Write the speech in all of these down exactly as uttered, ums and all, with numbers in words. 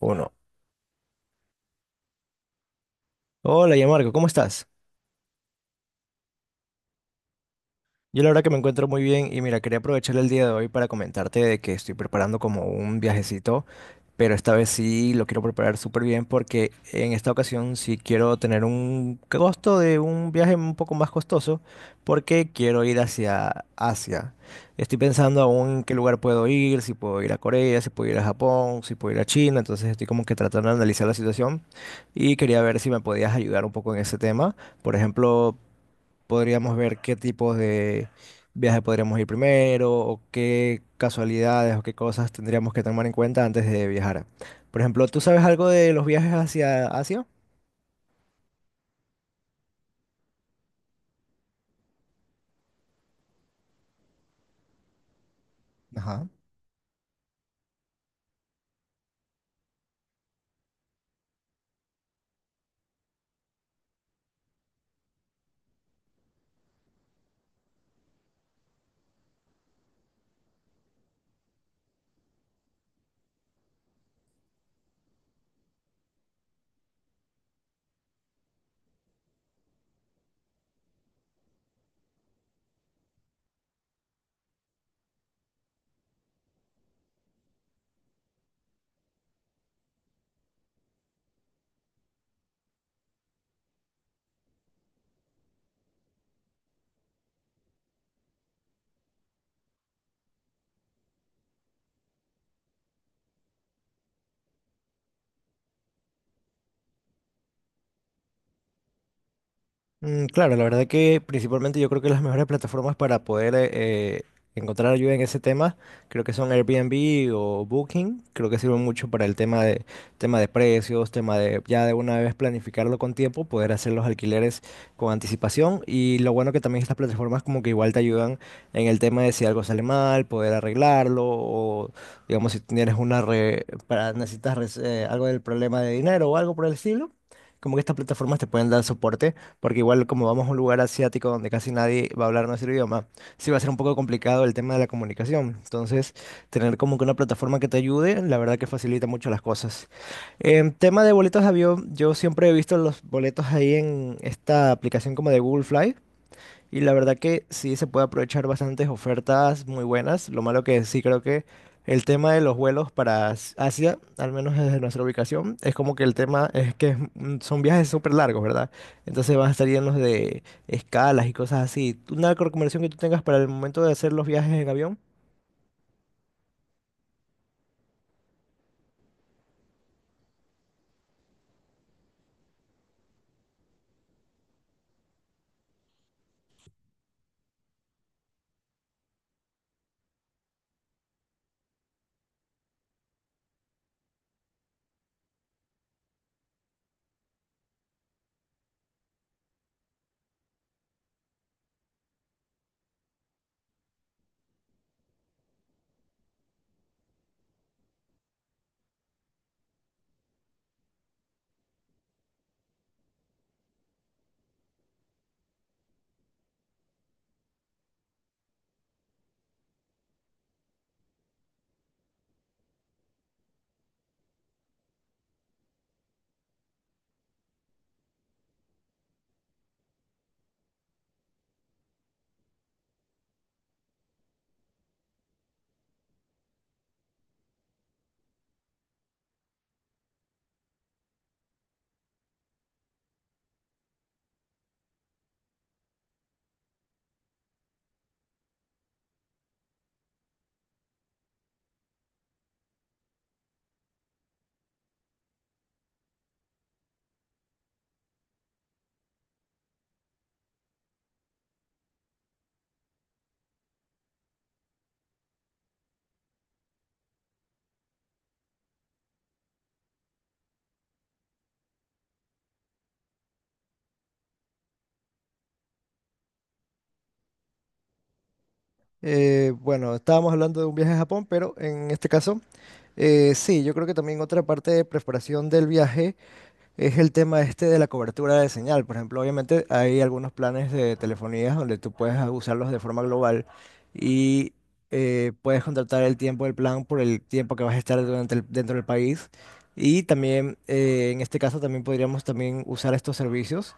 Uno. Hola, ya Marco, ¿cómo estás? Yo la verdad que me encuentro muy bien y mira, quería aprovechar el día de hoy para comentarte de que estoy preparando como un viajecito, pero esta vez sí lo quiero preparar súper bien porque en esta ocasión sí quiero tener un costo de un viaje un poco más costoso porque quiero ir hacia Asia. Estoy pensando aún en qué lugar puedo ir, si puedo ir a Corea, si puedo ir a Japón, si puedo ir a China, entonces estoy como que tratando de analizar la situación y quería ver si me podías ayudar un poco en ese tema. Por ejemplo, podríamos ver qué tipos de viaje podríamos ir primero o qué casualidades o qué cosas tendríamos que tomar en cuenta antes de viajar. Por ejemplo, ¿tú sabes algo de los viajes hacia Asia? Ajá. Mm, claro, la verdad que principalmente yo creo que las mejores plataformas para poder eh, encontrar ayuda en ese tema, creo que son Airbnb o Booking, creo que sirven mucho para el tema de, tema de precios, tema de ya de una vez planificarlo con tiempo, poder hacer los alquileres con anticipación y lo bueno que también estas plataformas como que igual te ayudan en el tema de si algo sale mal, poder arreglarlo o digamos si tienes una re- para necesitas res- eh, algo del problema de dinero o algo por el estilo. Como que estas plataformas te pueden dar soporte porque igual como vamos a un lugar asiático donde casi nadie va a hablar nuestro idioma, sí va a ser un poco complicado el tema de la comunicación. Entonces, tener como que una plataforma que te ayude, la verdad que facilita mucho las cosas. En tema de boletos de avión, yo siempre he visto los boletos ahí en esta aplicación como de Google Fly. Y la verdad que sí se puede aprovechar bastantes ofertas muy buenas. Lo malo que sí creo que el tema de los vuelos para As- Asia, al menos desde nuestra ubicación, es como que el tema es que es un- son viajes súper largos, ¿verdad? Entonces van a estar llenos de escalas y cosas así. ¿Tú- ¿Una recomendación que tú tengas para el momento de hacer los viajes en avión? Eh, bueno, estábamos hablando de un viaje a Japón, pero en este caso, eh, sí, yo creo que también otra parte de preparación del viaje es el tema este de la cobertura de señal. Por ejemplo, obviamente hay algunos planes de telefonías donde tú puedes usarlos de forma global y eh, puedes contratar el tiempo del plan por el tiempo que vas a estar durante el- dentro del país. Y también, eh, en este caso, también podríamos también usar estos servicios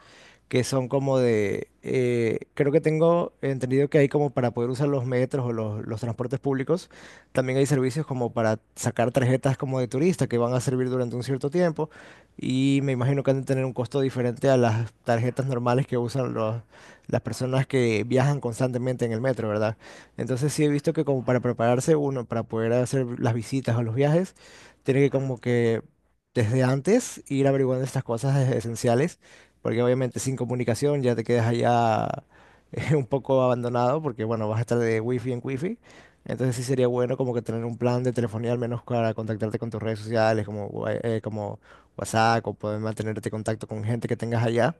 que son como de, eh, creo que tengo entendido que hay como para poder usar los metros o los, los transportes públicos, también hay servicios como para sacar tarjetas como de turista que van a servir durante un cierto tiempo. Y me imagino que han de tener un costo diferente a las tarjetas normales que usan los- las personas que viajan constantemente en el metro, ¿verdad? Entonces sí he visto que como para prepararse uno, para poder hacer las visitas o los viajes, tiene que como que desde antes ir averiguando estas cosas es- esenciales, porque obviamente sin comunicación ya te quedas allá eh, un poco abandonado, porque bueno, vas a estar de wifi en wifi. Entonces sí sería bueno como que tener un plan de telefonía al menos para contactarte con tus redes sociales, como, eh, como WhatsApp o poder mantenerte en contacto con gente que tengas allá.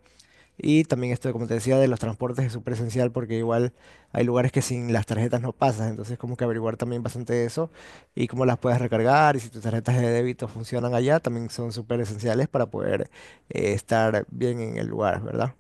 Y también esto, como te decía, de los transportes es súper esencial porque igual hay lugares que sin las tarjetas no pasas, entonces como que averiguar también bastante de eso y cómo las puedes recargar y si tus tarjetas de débito funcionan allá, también son súper esenciales para poder eh, estar bien en el lugar, ¿verdad?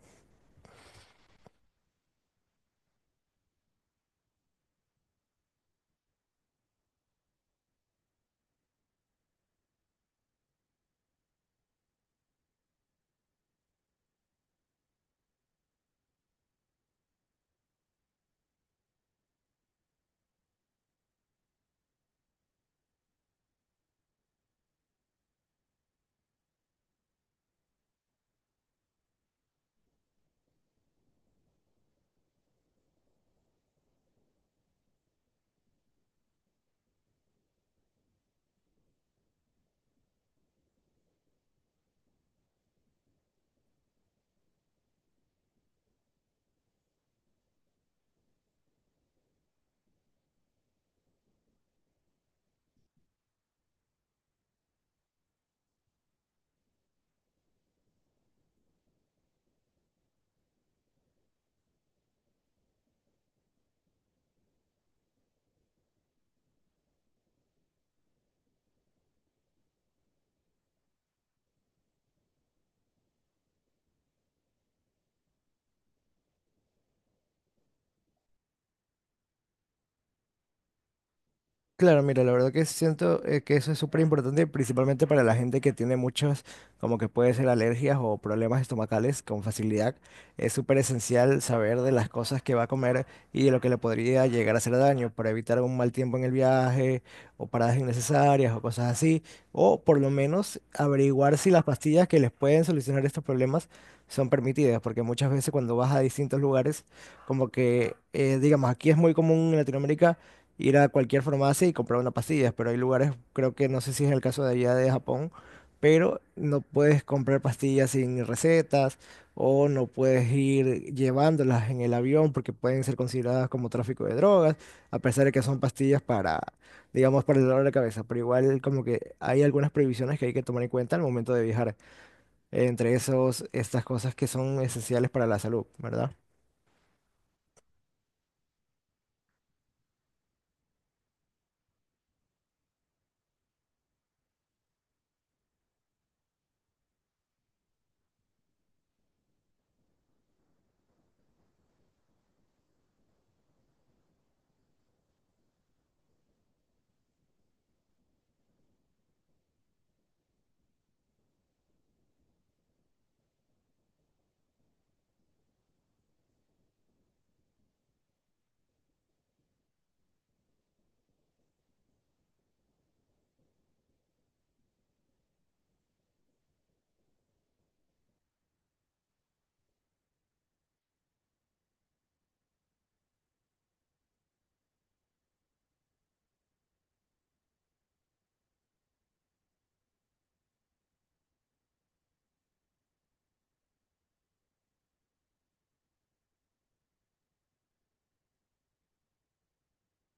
Claro, mira, la verdad que siento eh, que eso es súper importante, principalmente para la gente que tiene muchos, como que puede ser alergias o problemas estomacales con facilidad. Es súper esencial saber de las cosas que va a comer y de lo que le podría llegar a hacer daño para evitar un mal tiempo en el viaje o paradas innecesarias o cosas así. O por lo menos averiguar si las pastillas que les pueden solucionar estos problemas son permitidas, porque muchas veces cuando vas a distintos lugares, como que, eh, digamos, aquí es muy común en Latinoamérica ir a cualquier farmacia y comprar una pastilla, pero hay lugares, creo que no sé si es el caso de allá de Japón, pero no puedes comprar pastillas sin recetas o no puedes ir llevándolas en el avión porque pueden ser consideradas como tráfico de drogas, a pesar de que son pastillas para, digamos, para el dolor de cabeza, pero igual como que hay algunas prohibiciones que hay que tomar en cuenta al momento de viajar, entre esos, estas cosas que son esenciales para la salud, ¿verdad?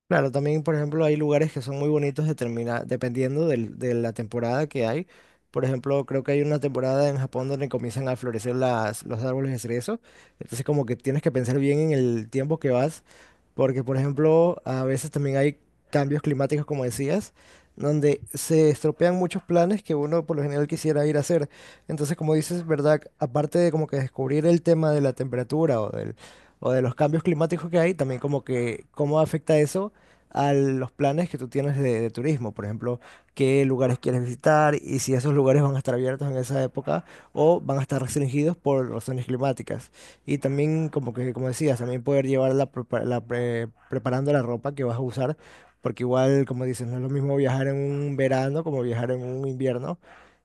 Claro, también, por ejemplo, hay lugares que son muy bonitos determina- dependiendo del- de la temporada que hay. Por ejemplo, creo que hay una temporada en Japón donde comienzan a florecer las, los árboles de cerezo. Entonces, como que tienes que pensar bien en el tiempo que vas porque, por ejemplo, a veces también hay cambios climáticos, como decías, donde se estropean muchos planes que uno por lo general quisiera ir a hacer. Entonces, como dices, ¿verdad? Aparte de como que descubrir el tema de la temperatura o del, o de los cambios climáticos que hay, también como que cómo afecta eso a los planes que tú tienes de, de turismo. Por ejemplo, qué lugares quieres visitar y si esos lugares van a estar abiertos en esa época o van a estar restringidos por razones climáticas. Y también, como que, como decías, también poder llevarla prepa- la pre- preparando la ropa que vas a usar, porque igual, como dices, no es lo mismo viajar en un verano como viajar en un invierno.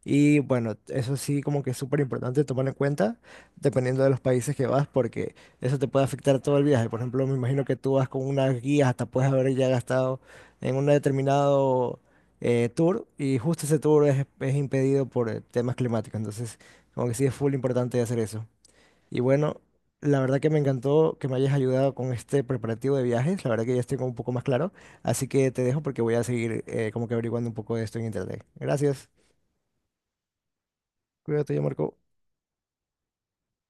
Y bueno, eso sí, como que es súper importante tomar en cuenta, dependiendo de los países que vas, porque eso te puede afectar todo el viaje. Por ejemplo, me imagino que tú vas con unas guías, hasta puedes haber ya gastado en un determinado eh, tour, y justo ese tour es, es impedido por eh, temas climáticos. Entonces, como que sí es full importante hacer eso. Y bueno, la verdad que me encantó que me hayas ayudado con este preparativo de viajes. La verdad que ya estoy como un poco más claro. Así que te dejo porque voy a seguir eh, como que averiguando un poco de esto en internet. Gracias. Cuídate, ya Marco.